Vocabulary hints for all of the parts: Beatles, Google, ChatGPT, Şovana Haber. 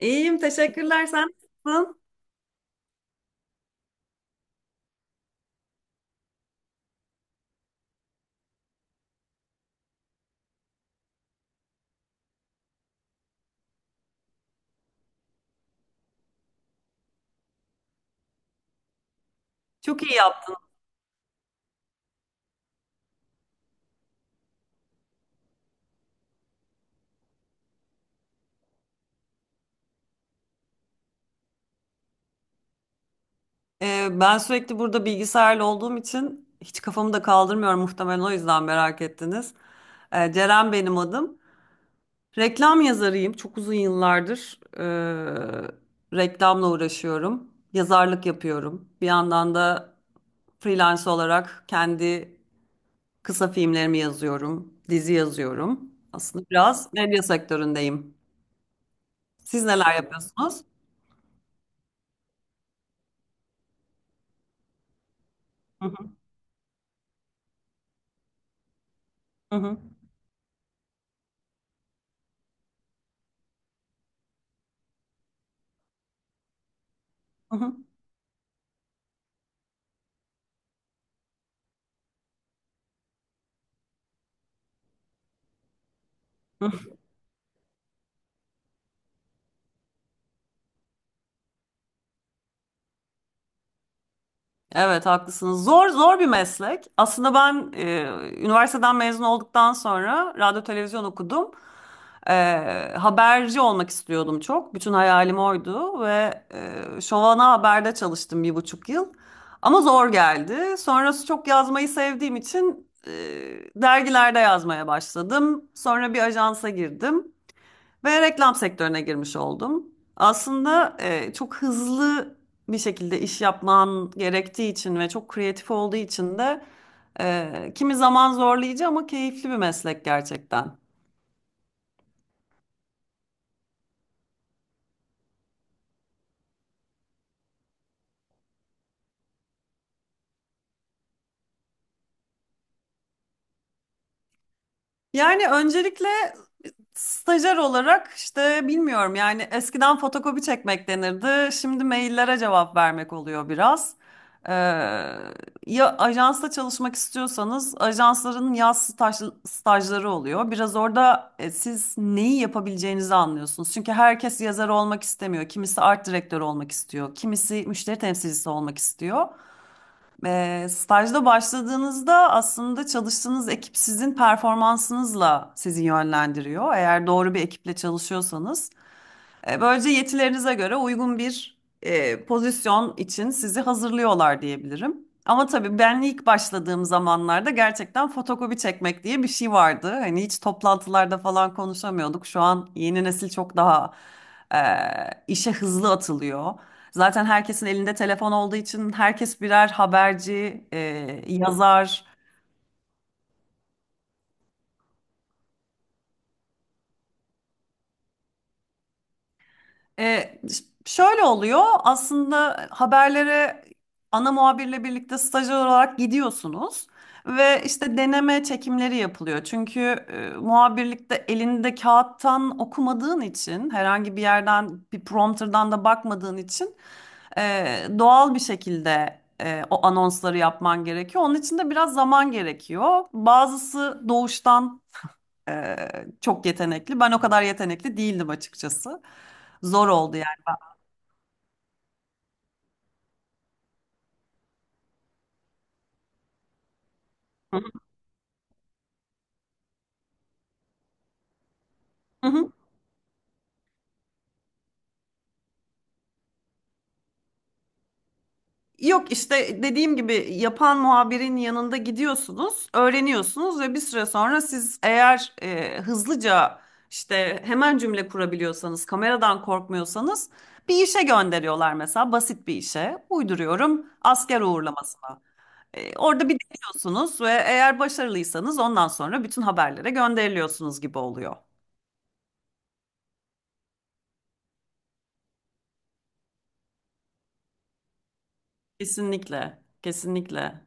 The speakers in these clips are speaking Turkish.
İyiyim, teşekkürler. Sen nasılsın? Çok iyi yaptın. Ben sürekli burada bilgisayarla olduğum için hiç kafamı da kaldırmıyorum, muhtemelen o yüzden merak ettiniz. Ceren benim adım. Reklam yazarıyım. Çok uzun yıllardır reklamla uğraşıyorum. Yazarlık yapıyorum. Bir yandan da freelance olarak kendi kısa filmlerimi yazıyorum, dizi yazıyorum. Aslında biraz medya sektöründeyim. Siz neler yapıyorsunuz? Hı hı, hı hı, hı hı. Evet, haklısınız. Zor, zor bir meslek. Aslında ben üniversiteden mezun olduktan sonra radyo televizyon okudum. E, Haberci olmak istiyordum çok. Bütün hayalim oydu ve Şovana Haber'de çalıştım 1,5 yıl. Ama zor geldi. Sonrası çok yazmayı sevdiğim için dergilerde yazmaya başladım. Sonra bir ajansa girdim. Ve reklam sektörüne girmiş oldum. Aslında çok hızlı bir şekilde iş yapman gerektiği için ve çok kreatif olduğu için de kimi zaman zorlayıcı ama keyifli bir meslek gerçekten. Yani öncelikle stajyer olarak, işte bilmiyorum, yani eskiden fotokopi çekmek denirdi. Şimdi maillere cevap vermek oluyor biraz. Ee, Ya ajansta çalışmak istiyorsanız ajansların yaz stajları oluyor. Biraz orada siz neyi yapabileceğinizi anlıyorsunuz. Çünkü herkes yazar olmak istemiyor. Kimisi art direktör olmak istiyor. Kimisi müşteri temsilcisi olmak istiyor. Stajda başladığınızda aslında çalıştığınız ekip sizin performansınızla sizi yönlendiriyor, eğer doğru bir ekiple çalışıyorsanız. Böylece yetilerinize göre uygun bir pozisyon için sizi hazırlıyorlar diyebilirim. Ama tabii ben ilk başladığım zamanlarda gerçekten fotokopi çekmek diye bir şey vardı. Hani hiç toplantılarda falan konuşamıyorduk. Şu an yeni nesil çok daha e, işe hızlı atılıyor. Zaten herkesin elinde telefon olduğu için herkes birer haberci, yazar. Şöyle oluyor aslında, haberlere ana muhabirle birlikte stajyer olarak gidiyorsunuz ve işte deneme çekimleri yapılıyor. Çünkü muhabirlikte elinde kağıttan okumadığın için, herhangi bir yerden bir prompterdan da bakmadığın için e, doğal bir şekilde o anonsları yapman gerekiyor. Onun için de biraz zaman gerekiyor. Bazısı doğuştan e, çok yetenekli. Ben o kadar yetenekli değildim açıkçası. Zor oldu. Hı hı. Hı. Yok, işte dediğim gibi yapan muhabirin yanında gidiyorsunuz, öğreniyorsunuz ve bir süre sonra siz eğer hızlıca, işte hemen cümle kurabiliyorsanız, kameradan korkmuyorsanız, bir işe gönderiyorlar, mesela basit bir işe. Uyduruyorum, asker uğurlamasına. Orada bir deniyorsunuz ve eğer başarılıysanız ondan sonra bütün haberlere gönderiliyorsunuz gibi oluyor. Kesinlikle, kesinlikle.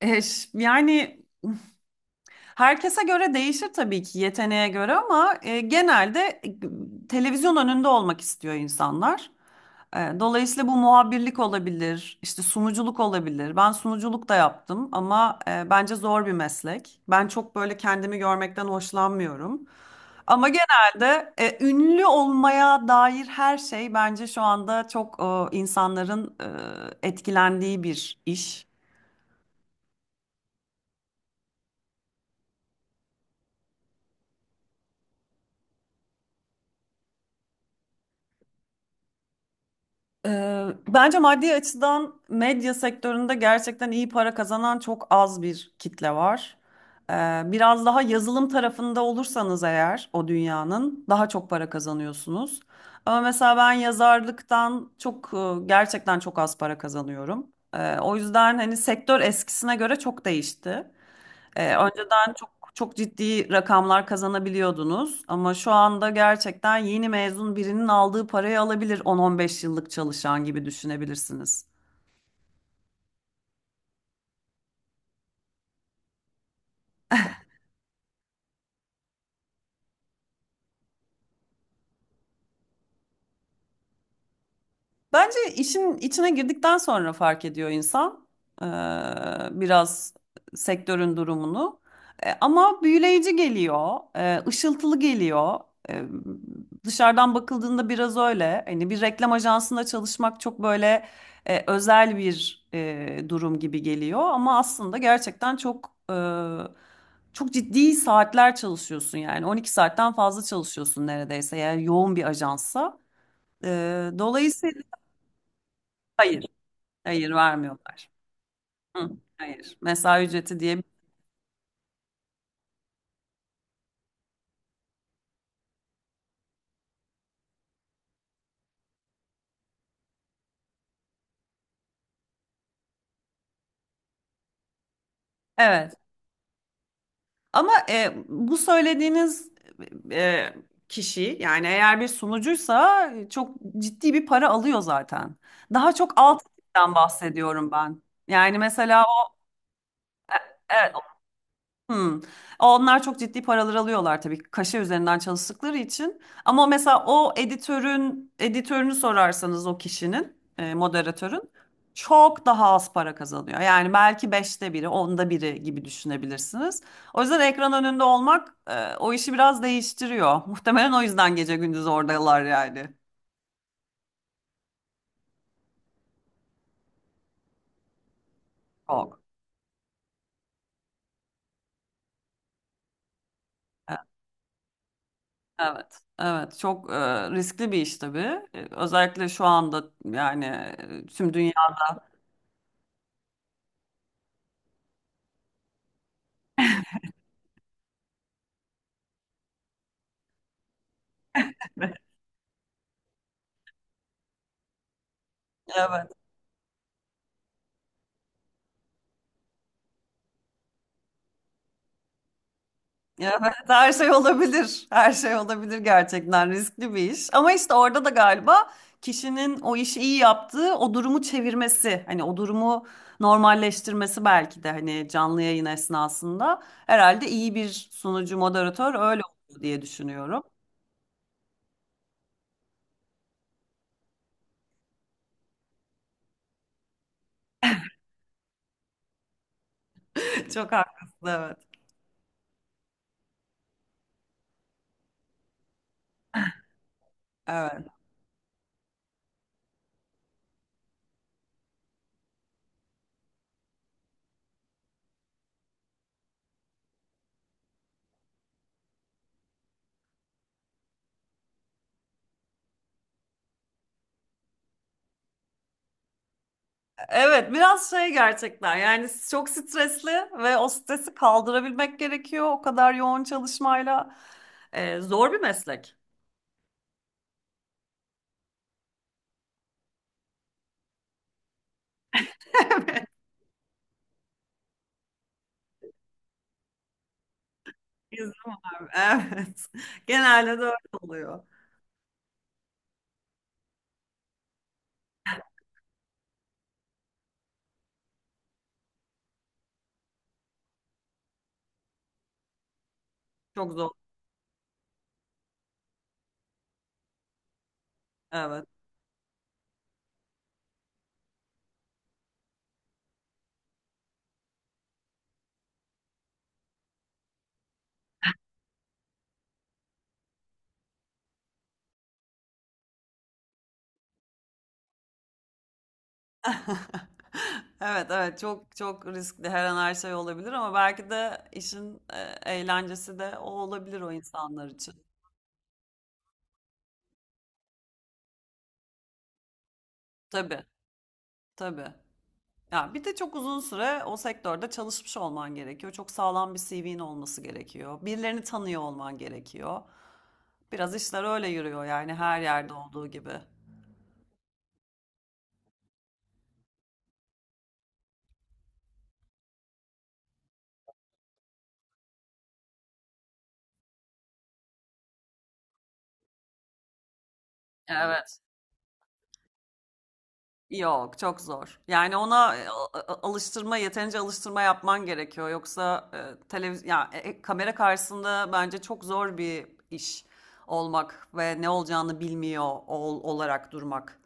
Yani herkese göre değişir tabii ki, yeteneğe göre, ama genelde televizyon önünde olmak istiyor insanlar. Dolayısıyla bu muhabirlik olabilir, işte sunuculuk olabilir. Ben sunuculuk da yaptım ama bence zor bir meslek. Ben çok böyle kendimi görmekten hoşlanmıyorum. Ama genelde ünlü olmaya dair her şey bence şu anda çok insanların etkilendiği bir iş. Bence maddi açıdan medya sektöründe gerçekten iyi para kazanan çok az bir kitle var. Biraz daha yazılım tarafında olursanız eğer, o dünyanın daha çok para kazanıyorsunuz. Ama mesela ben yazarlıktan çok gerçekten çok az para kazanıyorum. O yüzden hani sektör eskisine göre çok değişti. Önceden çok çok ciddi rakamlar kazanabiliyordunuz ama şu anda gerçekten yeni mezun birinin aldığı parayı alabilir 10-15 yıllık çalışan gibi düşünebilirsiniz. Bence işin içine girdikten sonra fark ediyor insan eee, biraz sektörün durumunu. Ama büyüleyici geliyor, ışıltılı geliyor. E, Dışarıdan bakıldığında biraz öyle. Hani bir reklam ajansında çalışmak çok böyle özel bir durum gibi geliyor. Ama aslında gerçekten çok çok ciddi saatler çalışıyorsun, yani 12 saatten fazla çalışıyorsun neredeyse, eğer yoğun bir ajansa. E, Dolayısıyla hayır. Hayır vermiyorlar. Hı, hayır. Mesai ücreti diye. Evet. Ama bu söylediğiniz e, kişi, yani eğer bir sunucuysa çok ciddi bir para alıyor zaten. Daha çok alt tipten bahsediyorum ben. Yani mesela o, evet. Hmm. Onlar çok ciddi paralar alıyorlar tabii, kaşe üzerinden çalıştıkları için. Ama mesela o editörün editörünü sorarsanız, o kişinin moderatörün çok daha az para kazanıyor. Yani belki beşte biri, onda biri gibi düşünebilirsiniz. O yüzden ekran önünde olmak o işi biraz değiştiriyor. Muhtemelen o yüzden gece gündüz oradalar yani. Çok. E, Evet, evet, çok riskli bir iş tabii. Özellikle şu anda yani tüm dünya. Evet. Ya evet, her şey olabilir. Her şey olabilir, gerçekten riskli bir iş. Ama işte orada da galiba kişinin o işi iyi yaptığı, o durumu çevirmesi, hani o durumu normalleştirmesi, belki de hani canlı yayın esnasında, herhalde iyi bir sunucu, moderatör öyle oldu diye düşünüyorum. Çok haklısın, evet. Evet. Evet, biraz şey, gerçekten yani çok stresli ve o stresi kaldırabilmek gerekiyor, o kadar yoğun çalışmayla. Zor bir meslek. Bizim var. Evet. Genelde de öyle oluyor. Çok zor. Evet. Evet, evet, çok çok riskli, her an her şey olabilir, ama belki de işin eğlencesi de o olabilir o insanlar için. Tabii, tabii. Ya bir de çok uzun süre o sektörde çalışmış olman gerekiyor. Çok sağlam bir CV'nin olması gerekiyor. Birilerini tanıyor olman gerekiyor. Biraz işler öyle yürüyor yani, her yerde olduğu gibi. Evet. Yok, çok zor. Yani ona alıştırma, yeterince alıştırma yapman gerekiyor. Yoksa e, televiz ya e, e, kamera karşısında bence çok zor bir iş olmak ve ne olacağını bilmiyor olarak durmak.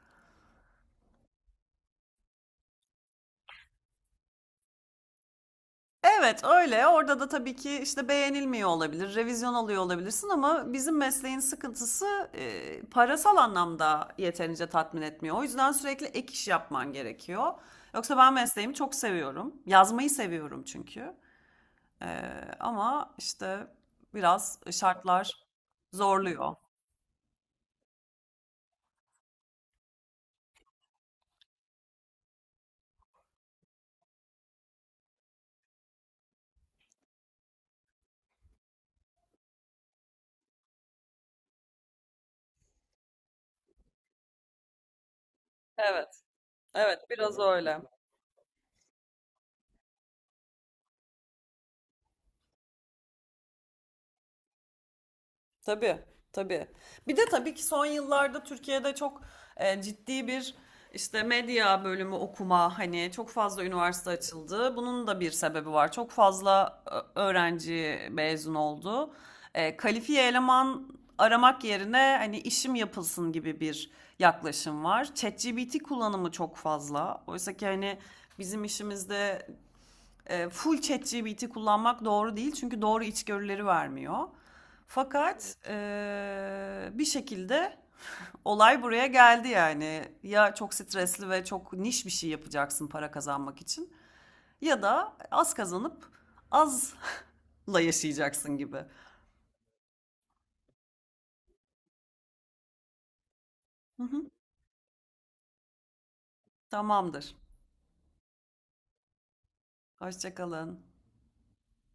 Evet, öyle. Orada da tabii ki işte beğenilmiyor olabilir, revizyon alıyor olabilirsin, ama bizim mesleğin sıkıntısı parasal anlamda yeterince tatmin etmiyor. O yüzden sürekli ek iş yapman gerekiyor. Yoksa ben mesleğimi çok seviyorum. Yazmayı seviyorum çünkü. Ama işte biraz şartlar zorluyor. Evet, evet, biraz öyle. Tabii, tabii. Bir de tabii ki son yıllarda Türkiye'de çok ciddi bir işte medya bölümü okuma, hani çok fazla üniversite açıldı. Bunun da bir sebebi var. Çok fazla öğrenci mezun oldu. Kalifiye eleman aramak yerine, hani işim yapılsın gibi bir yaklaşım var. ChatGPT kullanımı çok fazla. Oysa ki hani bizim işimizde full ChatGPT kullanmak doğru değil, çünkü doğru içgörüleri vermiyor. Fakat bir şekilde olay buraya geldi yani. Ya çok stresli ve çok niş bir şey yapacaksın para kazanmak için, ya da az kazanıp azla yaşayacaksın gibi. Hı hı, tamamdır. Hoşça kalın.